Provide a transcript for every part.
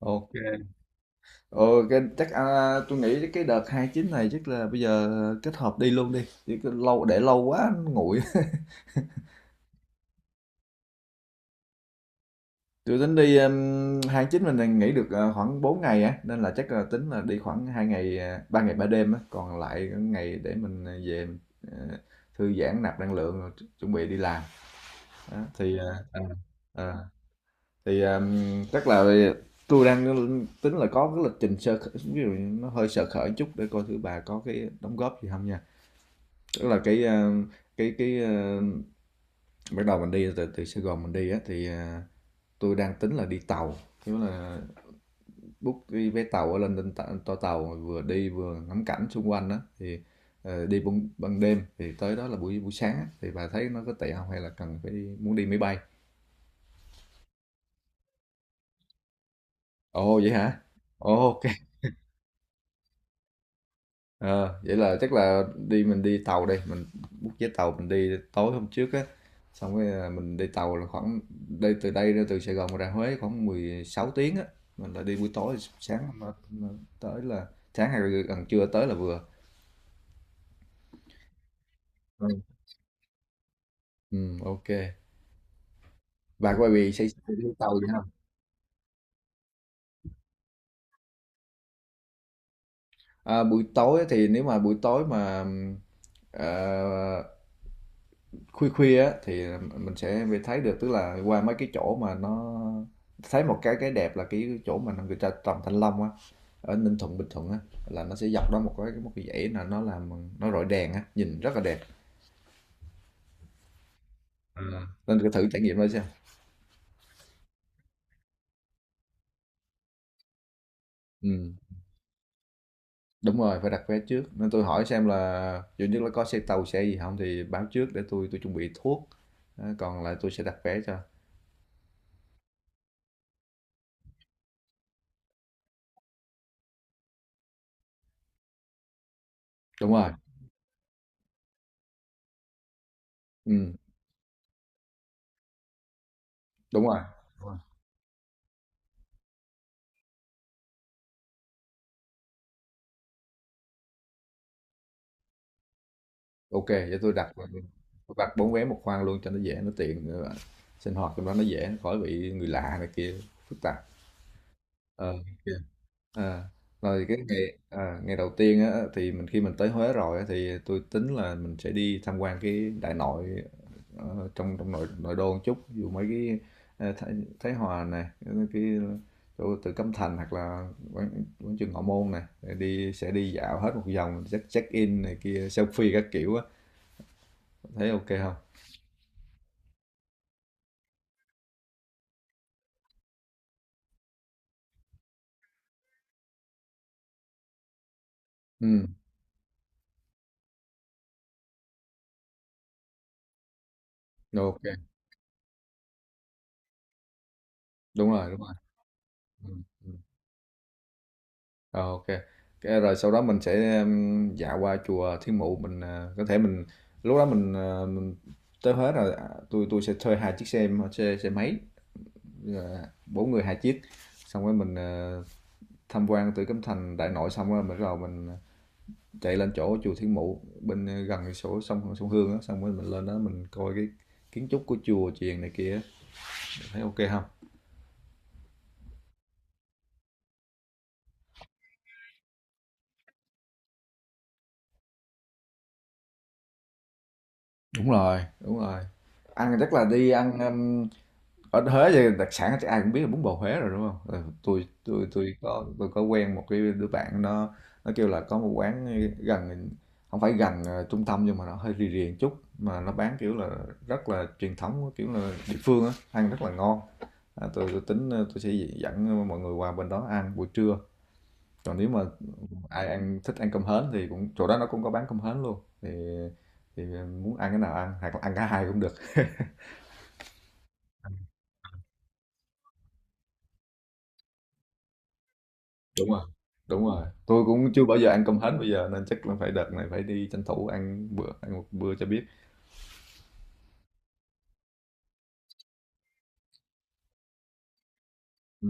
Ok. Ờ, cái, chắc à, tôi nghĩ cái đợt 29 này chắc là bây giờ kết hợp đi luôn đi. Chứ cứ lâu để lâu quá nó nguội. Tôi tính đi 29 mình nghỉ được à, khoảng 4 ngày á nên là chắc là tính là đi khoảng 2 ngày à, 3 ngày 3 đêm á, còn lại cái ngày để mình về mình, à, thư giãn nạp năng lượng rồi chuẩn bị đi làm. Đó, thì à, à, à, thì à, chắc là tôi đang tính là có cái lịch trình sơ khởi, ví dụ như nó hơi sơ khởi chút để coi thử bà có cái đóng góp gì không nha. Tức là cái ờ, bắt đầu mình đi từ Sài Gòn mình đi á thì tôi đang tính là đi tàu, tức là book cái vé tàu ở lên lên ta- toa tàu vừa đi vừa ngắm cảnh xung quanh đó, thì đi ban đêm thì tới đó là buổi buổi sáng á, thì bà thấy nó có tệ không, hay là cần phải đi, muốn đi máy bay? Ồ vậy hả? Ồ, ok. Ờ, vậy là chắc là đi mình đi tàu đây, mình book vé tàu mình đi tối hôm trước á, xong rồi mình đi tàu là khoảng đi từ đây ra, từ Sài Gòn ra Huế khoảng 16 tiếng á, mình là đi buổi tối sáng mà tới là sáng hay là gần trưa tới là vừa. Ừ. ừ, ok. Bà quay về xây đi tàu gì không? À, buổi tối thì nếu mà buổi tối mà ờ, khuya khuya á thì mình sẽ mới thấy được, tức là qua mấy cái chỗ mà nó thấy một cái đẹp là cái chỗ mà người ta trồng thanh long á ở Ninh Thuận Bình Thuận á, là nó sẽ dọc đó một cái dãy là nó làm, nó rọi đèn á nhìn rất là đẹp. À, nên cứ thử trải nghiệm đó xem. Ừ, đúng rồi phải đặt vé trước, nên tôi hỏi xem là duy nhất là có xe tàu xe gì không thì báo trước để tôi chuẩn bị thuốc. Đó, còn lại tôi sẽ đặt vé cho. Đúng rồi. Ừ, đúng rồi. Ok, vậy tôi đặt 4 vé một khoang luôn cho nó dễ, nó tiện nữa. Sinh hoạt trong đó nó dễ, nó khỏi bị người lạ này kia phức tạp. Ờ, ok. Ờ, rồi ngày đầu tiên á thì mình khi mình tới Huế rồi á, thì tôi tính là mình sẽ đi tham quan cái đại nội, trong trong nội nội đô một chút, ví dụ mấy cái, ờ, Thái, Thái Hòa này, cái chỗ từ Cấm Thành hoặc là quán, quán trường Ngọ Môn này, đi sẽ đi dạo hết một vòng, check check in này kia, selfie các kiểu á, thấy ok không? Ừm, OK, đúng rồi, đúng rồi. Ừm, ừm, ờ, OK. Cái rồi sau đó mình sẽ, dạo qua chùa Thiên Mụ, mình, à, có thể mình lúc đó mình, ờ, mình tới Huế rồi, à, tôi tui sẽ thuê 2 chiếc xe xe xe máy, 4 người 2 chiếc, xong rồi mình, tham quan Tử Cấm Thành, Đại Nội xong rồi mình bắt đầu mình, chạy lên chỗ chùa Thiên Mụ bên, gần cái chỗ sông sông Hương á, xong rồi mình lên đó mình coi cái kiến trúc của chùa chiền này kia, thấy OK không? Đúng rồi, đúng rồi. Ăn chắc là đi ăn, ở Huế thì đặc sản chắc ai cũng biết là bún bò Huế rồi đúng không? Ừ, tôi có quen một cái đứa bạn, nó kêu là có một quán gần, không phải gần trung tâm nhưng mà nó hơi rì rì một chút, mà nó bán kiểu là rất là truyền thống, kiểu là địa phương á, ăn rất là ngon. Tôi tính, tôi sẽ dẫn mọi người qua bên đó ăn buổi trưa. Còn nếu mà ai ăn thích ăn cơm hến thì cũng chỗ đó nó cũng có bán cơm hến luôn, thì muốn ăn cái nào ăn, hoặc là ăn cả hai cũng được. Đúng rồi, đúng rồi. Tôi cũng chưa bao giờ ăn cơm hến bây giờ nên chắc là phải đợt này phải đi tranh thủ ăn bữa, ăn một bữa cho biết. Ừ,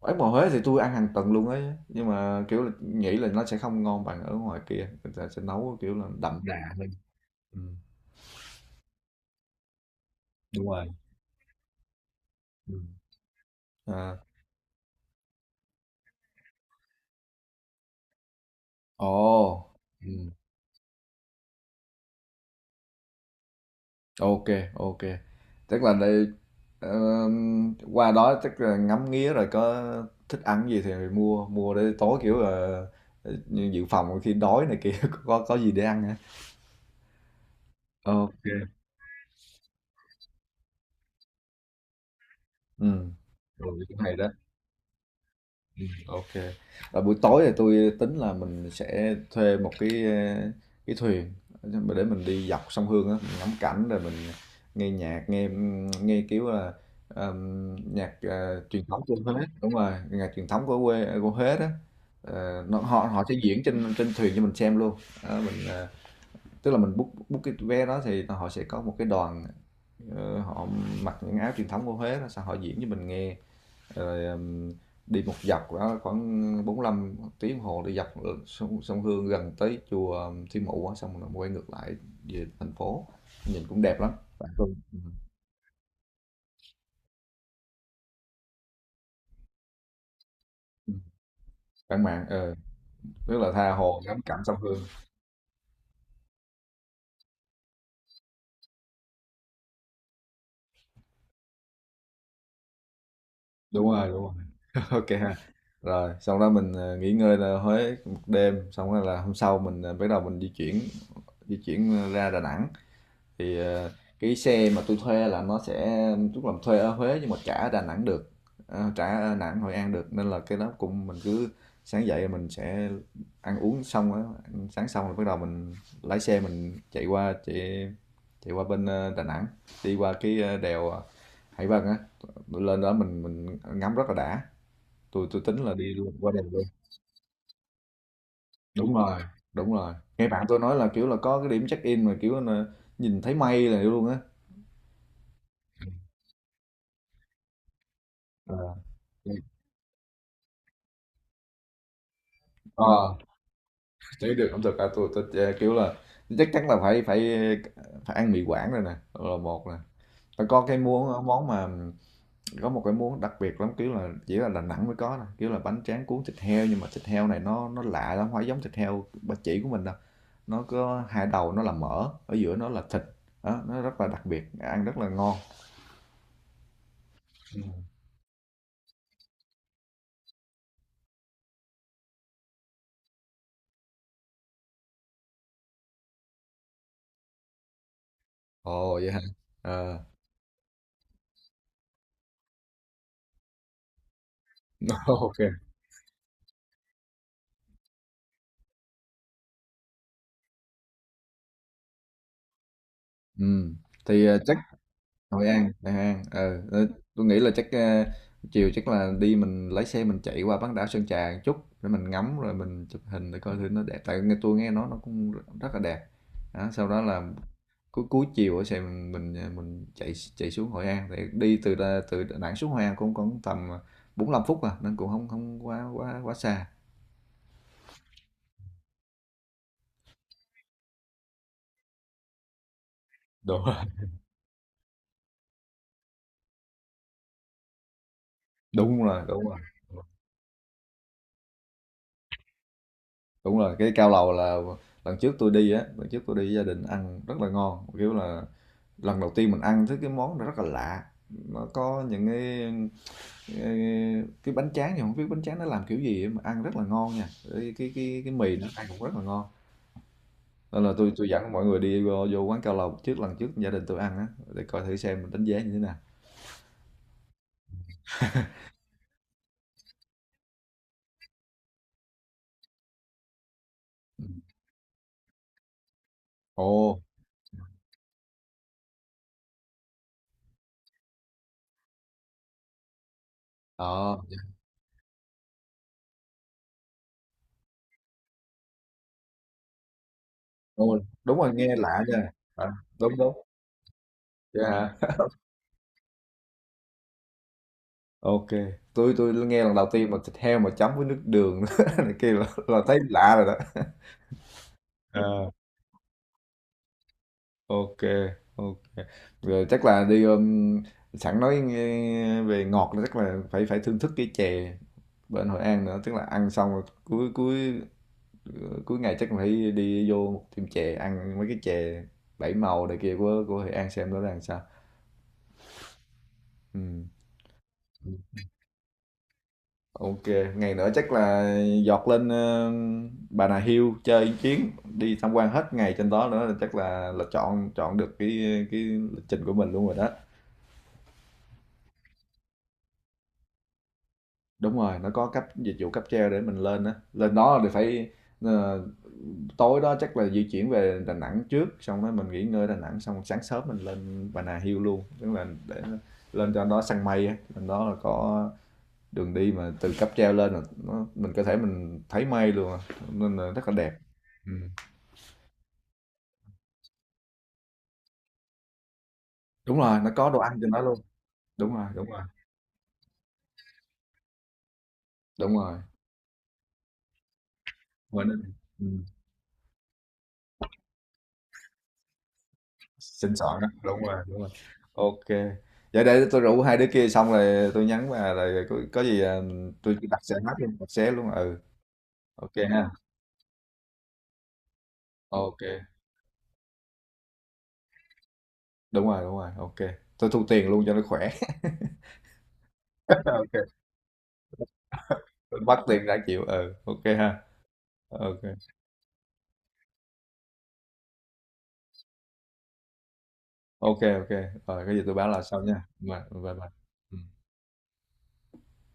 ở ngoài Huế thì tôi ăn hàng tuần luôn ấy, nhưng mà kiểu là nghĩ là nó sẽ không ngon bằng, ở ngoài kia người ta sẽ nấu kiểu là đậm đà hơn. Ừ, đúng rồi. Ừ. À. Ồ. OK. OK, tức là đây, qua đó tức là ngắm nghía rồi, có thích ăn gì thì mua để tối, kiểu là, ờ, dự phòng khi đói này kia có gì để ăn hả? OK, kê. Ừm. Ừ, rồi cũng hay đó. Ô kê. Ờ, buổi tối thì tôi tính là mình sẽ thuê một cái, cái thuyền để mình đi dọc sông Hương á, mình ngắm cảnh rồi mình nghe nhạc, nghe, nghe, kiểu là, nhạc, ờ, truyền thống của Huế, đúng rồi, nhạc truyền thống của quê, của Huế đó. Ờ, nó họ họ sẽ diễn trên trên thuyền cho mình xem luôn. Đó, mình, ờ tức là mình book book cái vé đó thì họ sẽ có một cái đoàn, họ mặc những áo truyền thống của Huế đó, xong họ diễn cho mình nghe rồi, đi một dọc đó khoảng 45 tiếng đồng hồ đi dọc sông Hương gần tới chùa Thiên Mụ á, xong rồi quay ngược lại về thành phố, nhìn cũng đẹp lắm. Bạn Hương, ừ. Ừ. Bạn mạng, rất là tha hồ ngắm cảnh sông Hương. Đúng rồi, đúng rồi. Ok ha. Rồi xong đó mình, nghỉ ngơi là Huế một đêm, xong rồi là hôm sau mình, bắt đầu mình di chuyển ra Đà Nẵng. Thì cái xe mà tôi thuê là nó sẽ, tức là thuê ở Huế nhưng mà trả ở Đà Nẵng được. Ờ, trả ở Đà Nẵng Hội An được nên là cái đó cũng mình cứ sáng dậy mình sẽ ăn uống xong á, ăn sáng xong rồi bắt đầu mình lái xe mình chạy qua bên Đà Nẵng, đi qua cái đèo, Hải Vân á, lên đó mình ngắm rất là đã, tôi tính là đi luôn qua đèo luôn. Đúng rồi, đúng rồi, nghe bạn tôi nói là kiểu là có cái điểm check in mà kiểu là nhìn thấy mây là luôn á. Ờ. Ờ, thấy được ẩm thực ca tôi, kiểu là chắc chắn là phải phải phải ăn mì Quảng rồi nè, là một nè. Và có cái món món mà có một cái món đặc biệt lắm, kiểu là chỉ là Đà Nẵng mới có nè, kiểu là bánh tráng cuốn thịt heo, nhưng mà thịt heo này nó lạ lắm, không phải giống thịt heo bà chỉ của mình đâu, nó có 2 đầu nó là mỡ, ở giữa nó là thịt đó, nó rất là đặc biệt, ăn rất là ngon. Ồ vậy hả? Ờ. Ok. Ừ, thì chắc, Hội An, Hội An, tôi nghĩ là chắc, chiều chắc là đi mình lái xe mình chạy qua bán đảo Sơn Trà một chút, để mình ngắm rồi mình chụp hình để coi thử nó đẹp, tại nghe tôi nghe nói nó cũng rất là đẹp. Đó, sau đó là cuối cuối chiều ở xe mình, mình chạy chạy xuống Hội An, thì đi từ Đà Nẵng xuống Hội An cũng còn tầm 45 phút à, nên cũng không không quá quá quá xa. Đúng rồi. Đúng rồi, đúng rồi, đúng rồi. Cái cao lầu là lần trước tôi đi á, lần trước tôi đi với gia đình ăn rất là ngon, kiểu là lần đầu tiên mình ăn thấy cái món nó rất là lạ. Nó có những cái, cái bánh tráng thì không biết bánh tráng nó làm kiểu gì mà ăn rất là ngon nha, cái mì nó ăn cũng rất là ngon, nên là tôi dẫn mọi người đi vô quán cao lầu trước, lần trước gia đình tôi ăn á, để coi thử xem mình đánh giá như thế nào. Ừ. Ồ. Ờ, đúng rồi, đúng rồi, nghe lạ nha. À, đúng đúng, yeah. Ok, tôi nghe lần đầu tiên mà thịt heo mà chấm với nước đường này kia là thấy lạ rồi đó. Ok. Ok, rồi chắc là đi, sẵn nói nghe về ngọt là chắc là phải phải thưởng thức cái chè bên Hội An nữa, tức là ăn xong rồi cuối cuối cuối ngày chắc phải đi vô một tiệm chè ăn mấy cái chè bảy màu này kia của Hội An xem nó là làm sao. Ừ. Ok, ngày nữa chắc là dọt lên, Bà Nà Hills chơi một chuyến, đi tham quan hết ngày trên đó nữa, là chắc là chọn chọn được cái lịch trình của mình luôn rồi đó. Đúng rồi, nó có cấp dịch vụ cáp treo để mình lên á, lên đó thì phải, ờ, tối đó chắc là di chuyển về Đà Nẵng trước, xong rồi mình nghỉ ngơi Đà Nẵng, xong sáng sớm mình lên Bà Nà Hills luôn, tức là để lên cho nó săn mây á. Lên đó là có đường đi mà từ cáp treo lên là nó, mình có thể mình thấy mây luôn à, nên là rất là đẹp. Ừ. Đúng rồi, nó có đồ ăn trên đó luôn. Đúng rồi, đúng rồi, đúng rồi. Ngoài. Ừ. Xin soạn á, đúng rồi, đúng rồi. Ok, vậy để tôi rủ 2 đứa kia xong rồi tôi nhắn, và rồi có, gì, tôi đặt xe hết luôn, đặt xe luôn. Ừ, ok ha. Ok. Đúng rồi, đúng rồi. Ok, tôi thu tiền luôn cho nó khỏe. Ok, tôi bắt tiền đã chịu, ừ, ok ha. Ok. Ok. Ok, rồi cái gì tôi báo là sau nha, bye bye bye. Ừ.